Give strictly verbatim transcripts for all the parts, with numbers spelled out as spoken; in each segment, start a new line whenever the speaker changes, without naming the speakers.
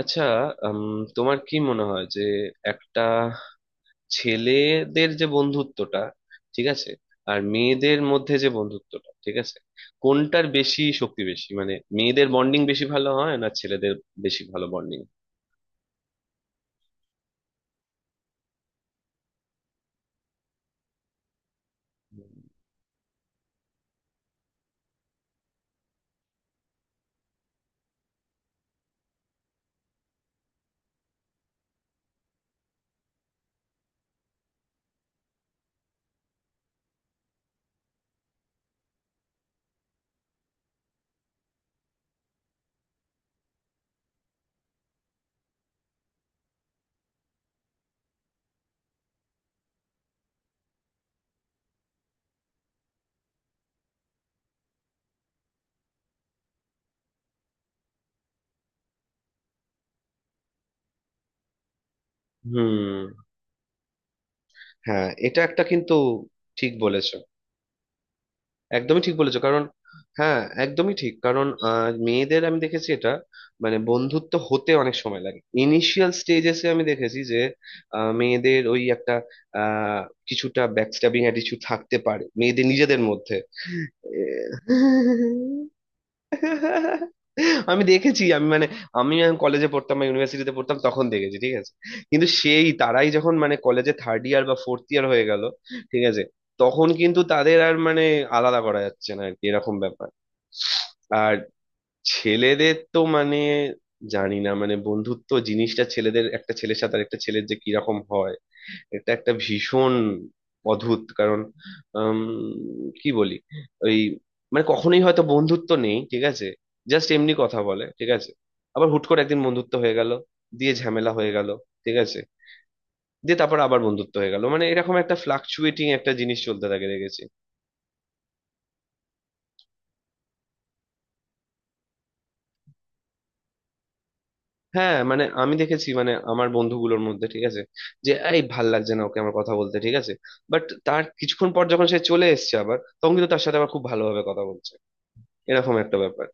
আচ্ছা। উম, তোমার কি মনে হয় যে একটা ছেলেদের যে বন্ধুত্বটা ঠিক আছে আর মেয়েদের মধ্যে যে বন্ধুত্বটা ঠিক আছে, কোনটার বেশি শক্তি বেশি, মানে মেয়েদের বন্ডিং বেশি ভালো হয় না ছেলেদের বেশি ভালো বন্ডিং? হুম। হ্যাঁ এটা একটা কিন্তু। ঠিক বলেছো। একদমই ঠিক বলেছো, কারণ হ্যাঁ একদমই ঠিক, কারণ আহ, মেয়েদের আমি দেখেছি এটা, মানে বন্ধুত্ব হতে অনেক সময় লাগে। ইনিশিয়াল স্টেজেসে আমি দেখেছি যে আহ, মেয়েদের ওই একটা, আহ, কিছুটা ব্যাকস্ট্যাবিং অ্যাটিটিউড থাকতে পারে মেয়েদের নিজেদের মধ্যে। এ- আমি দেখেছি, আমি মানে আমি কলেজে পড়তাম বা ইউনিভার্সিটিতে পড়তাম তখন দেখেছি, ঠিক আছে, কিন্তু সেই তারাই যখন মানে কলেজে থার্ড ইয়ার বা ফোর্থ ইয়ার হয়ে গেল, ঠিক আছে, তখন কিন্তু তাদের আর মানে আলাদা করা যাচ্ছে না আর কি, এরকম ব্যাপার। আর ছেলেদের তো মানে জানি না, মানে বন্ধুত্ব জিনিসটা ছেলেদের একটা ছেলের সাথে আর একটা ছেলের যে কিরকম হয়, এটা একটা ভীষণ অদ্ভুত, কারণ আম, কি বলি, ওই মানে কখনোই হয়তো বন্ধুত্ব নেই, ঠিক আছে, জাস্ট এমনি কথা বলে, ঠিক আছে, আবার হুট করে একদিন বন্ধুত্ব হয়ে গেল, দিয়ে ঝামেলা হয়ে গেল, ঠিক আছে, দিয়ে তারপর আবার বন্ধুত্ব হয়ে গেল, মানে এরকম একটা ফ্লাকচুয়েটিং একটা জিনিস চলতে থাকে, দেখেছি। হ্যাঁ মানে আমি দেখেছি, মানে আমার বন্ধুগুলোর মধ্যে, ঠিক আছে, যে এই ভাল লাগছে না ওকে আমার কথা বলতে, ঠিক আছে, বাট তার কিছুক্ষণ পর যখন সে চলে এসেছে আবার, তখন কিন্তু তার সাথে আবার খুব ভালোভাবে কথা বলছে, এরকম একটা ব্যাপার।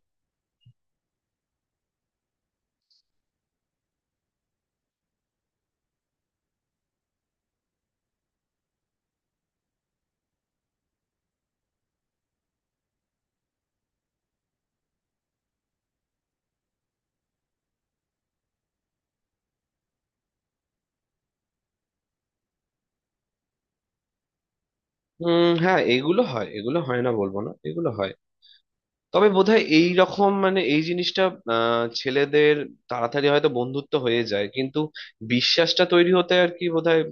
উম, হ্যাঁ এগুলো হয়, এগুলো হয় না বলবো না, এগুলো হয়। তবে বোধহয় এই রকম মানে এই জিনিসটা, আহ, ছেলেদের তাড়াতাড়ি হয়তো বন্ধুত্ব হয়ে যায় কিন্তু বিশ্বাসটা তৈরি হতে আর কি বোধহয়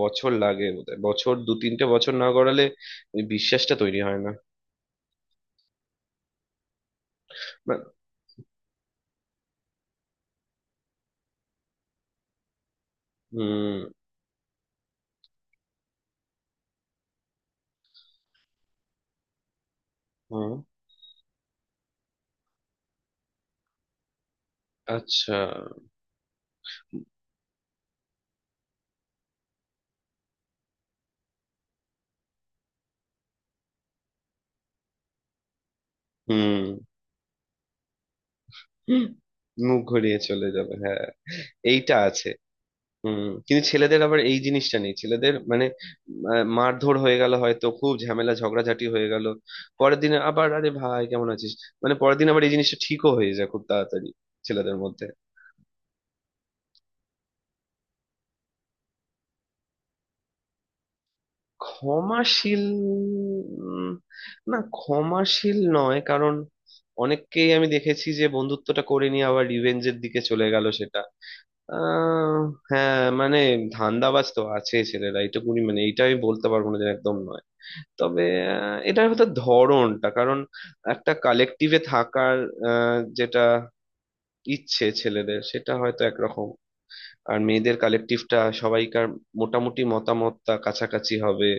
বছর লাগে, বোধহয় বছর দু তিনটে বছর না গড়ালে ওই বিশ্বাসটা তৈরি হয় না। বা- হুম। হুম। আচ্ছা। হুম। মুখ ঘুরিয়ে চলে যাবে, হ্যাঁ। এইটা আছে। হুম। কিন্তু ছেলেদের আবার এই জিনিসটা নেই, ছেলেদের মানে আহ, মারধর হয়ে গেল হয়তো, খুব ঝামেলা ঝগড়াঝাটি হয়ে গেল, পরের দিন আবার আরে ভাই কেমন আছিস, মানে পরের দিন আবার এই জিনিসটা ঠিকও হয়ে যায় খুব তাড়াতাড়ি ছেলেদের মধ্যে। ক্ষমাশীল? উম, না, ক্ষমাশীল নয় কারণ অনেককেই আমি দেখেছি যে বন্ধুত্বটা করে নিয়ে আবার রিভেঞ্জের দিকে চলে গেল সেটা। আহ হ্যাঁ মানে ধান্দাবাজ তো আছে ছেলেরা এইটুকুনি, মানে এইটা আমি বলতে পারবো না যে একদম নয়। তবে আহ, এটার হয়তো ধরনটা, কারণ একটা কালেকটিভে থাকার আহ, যেটা ইচ্ছে ছেলেদের সেটা হয়তো একরকম, আর মেয়েদের কালেকটিভটা সবাইকার মোটামুটি মতামতটা কাছাকাছি হবে,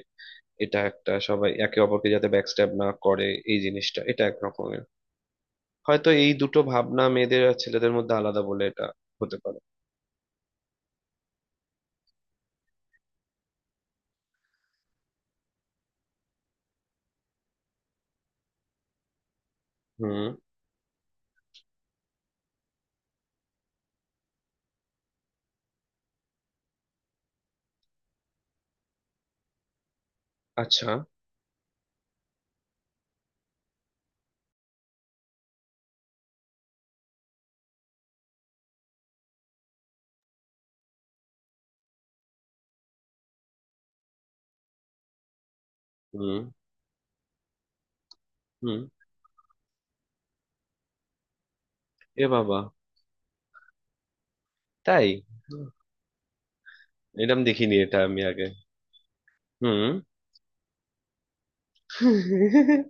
এটা একটা সবাই একে অপরকে যাতে ব্যাকস্ট্যাব না করে এই জিনিসটা, এটা একরকমের, হয়তো এই দুটো ভাবনা মেয়েদের আর ছেলেদের মধ্যে আলাদা বলে এটা হতে পারে। হুম। আচ্ছা। হুম। হুম। এ বাবা। তাই। হুম, এরম দেখিনি এটা আমি আগে। হুম।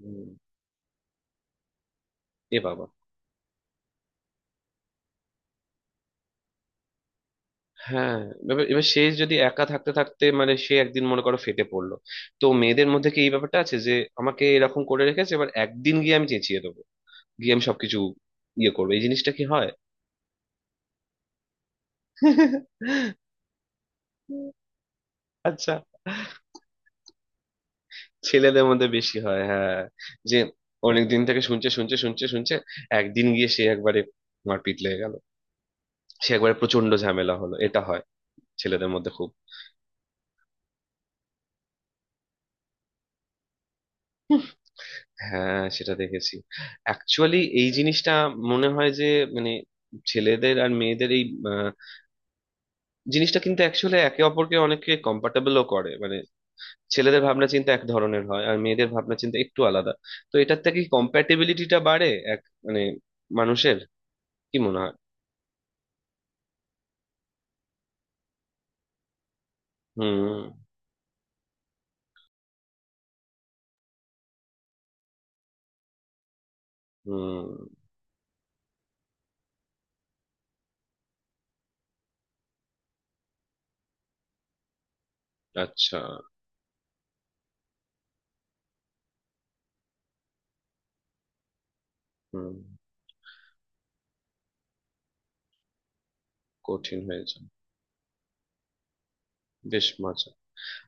হুম। এ বাবা। হ্যাঁ। এবার এবার সে যদি একা থাকতে থাকতে, মানে সে একদিন মনে করো ফেটে পড়লো, তো মেয়েদের মধ্যে কি এই ব্যাপারটা আছে যে আমাকে এরকম করে রেখেছে, এবার একদিন গিয়ে আমি চেঁচিয়ে দেবো গিয়ে আমি সবকিছু ইয়ে করবো, এই জিনিসটা কি হয়? আচ্ছা। ছেলেদের মধ্যে বেশি হয় হ্যাঁ, যে অনেক দিন থেকে শুনছে শুনছে শুনছে শুনছে, একদিন গিয়ে সে একবারে মারপিট লেগে গেল, সে একবারে প্রচন্ড ঝামেলা হলো, এটা হয় ছেলেদের মধ্যে খুব। হ্যাঁ সেটা দেখেছি। অ্যাকচুয়ালি এই জিনিসটা মনে হয় যে মানে ছেলেদের আর মেয়েদের এই আহ, জিনিসটা কিন্তু অ্যাকচুয়ালি একে অপরকে অনেকে কম্পার্টেবলও করে, মানে ছেলেদের ভাবনা চিন্তা এক ধরনের হয় আর মেয়েদের ভাবনা চিন্তা একটু আলাদা, তো এটার থেকে কম্প্যাটেবিলিটিটা বাড়ে এক, মানে মানুষের কি মনে হয়? হুম। হুম। আচ্ছা। হুম। কঠিন হয়েছে। বেশ মজা।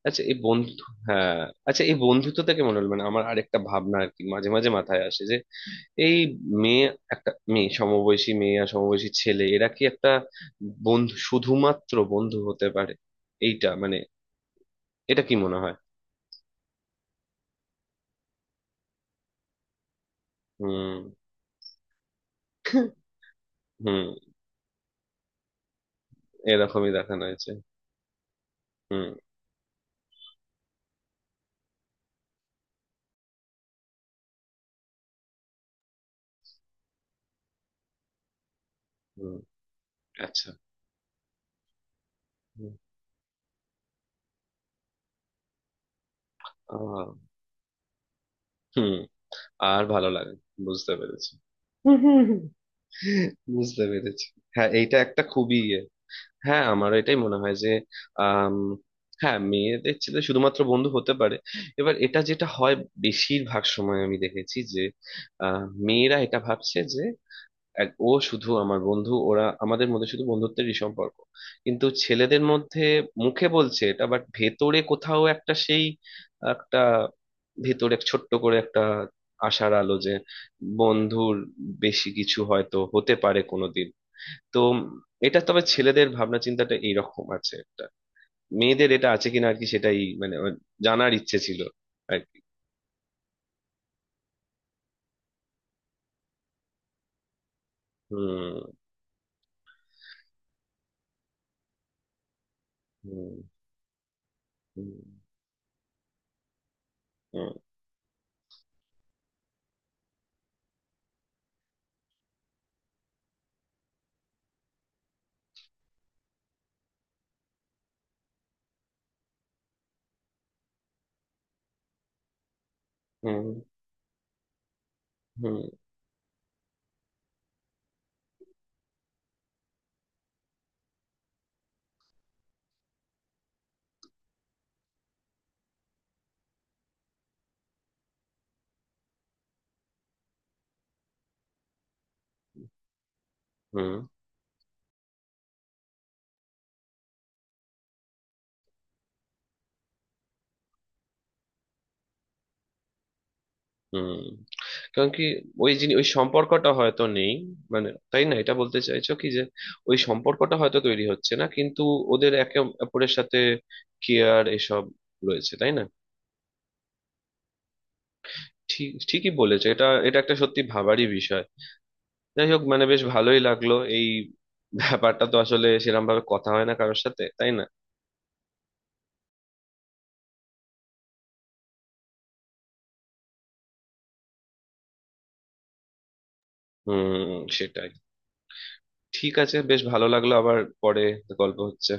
আচ্ছা এই বন্ধু, হ্যাঁ। আচ্ছা এই বন্ধুত্ব থেকে মনে হলো মানে আমার আরেকটা ভাবনা আর কি মাঝে মাঝে মাথায় আসে যে এই মেয়ে, একটা মেয়ে, সমবয়সী মেয়ে আর সমবয়সী ছেলে এরা কি একটা বন্ধু, শুধুমাত্র বন্ধু হতে পারে? এইটা মানে এটা কি মনে হয়? হুম। হুম। এরকমই দেখানো হয়েছে। হুম। হুম। আচ্ছা। হুম। আহ, হুম, আর ভালো লাগে। বুঝতে পেরেছি। বুঝতে পেরেছি। হ্যাঁ এইটা একটা খুবই ইয়ে। হ্যাঁ আমার এটাই মনে হয় যে আম, হ্যাঁ মেয়েদের ছেলে শুধুমাত্র বন্ধু হতে পারে। এবার এটা যেটা হয় বেশিরভাগ সময় আমি দেখেছি যে আহ, মেয়েরা এটা ভাবছে যে এক- ও শুধু আমার বন্ধু, ওরা আমাদের মধ্যে শুধু বন্ধুত্বেরই সম্পর্ক, কিন্তু ছেলেদের মধ্যে মুখে বলছে এটা বাট ভেতরে কোথাও একটা সেই একটা ভেতরে ছোট্ট করে একটা আশার আলো যে বন্ধুর বেশি কিছু হয়তো হতে পারে কোনোদিন। তো এটা, তবে ছেলেদের ভাবনা চিন্তাটা এইরকম আছে একটা, মেয়েদের এটা আছে কিনা আর কি সেটাই মানে আমার জানার ইচ্ছে ছিল আর কি। হুম। হুম। হুম। হুম। হুম। হুম। হুম। হুম। কারণ কি? ওই জিনিস ওই সম্পর্কটা হয়তো নেই, মানে তাই না, এটা বলতে চাইছো কি যে ওই সম্পর্কটা হয়তো তৈরি হচ্ছে না কিন্তু ওদের একে অপরের সাথে কেয়ার এসব রয়েছে, তাই না? ঠিক ঠিকই বলেছো এটা। এটা একটা সত্যি ভাবারই বিষয়। যাই হোক মানে বেশ ভালোই লাগলো, এই ব্যাপারটা তো আসলে সেরকম ভাবে কথা হয় না কারোর সাথে, তাই না? হুম। সেটাই। ঠিক আছে, বেশ ভালো লাগলো, আবার পরে গল্প হচ্ছে।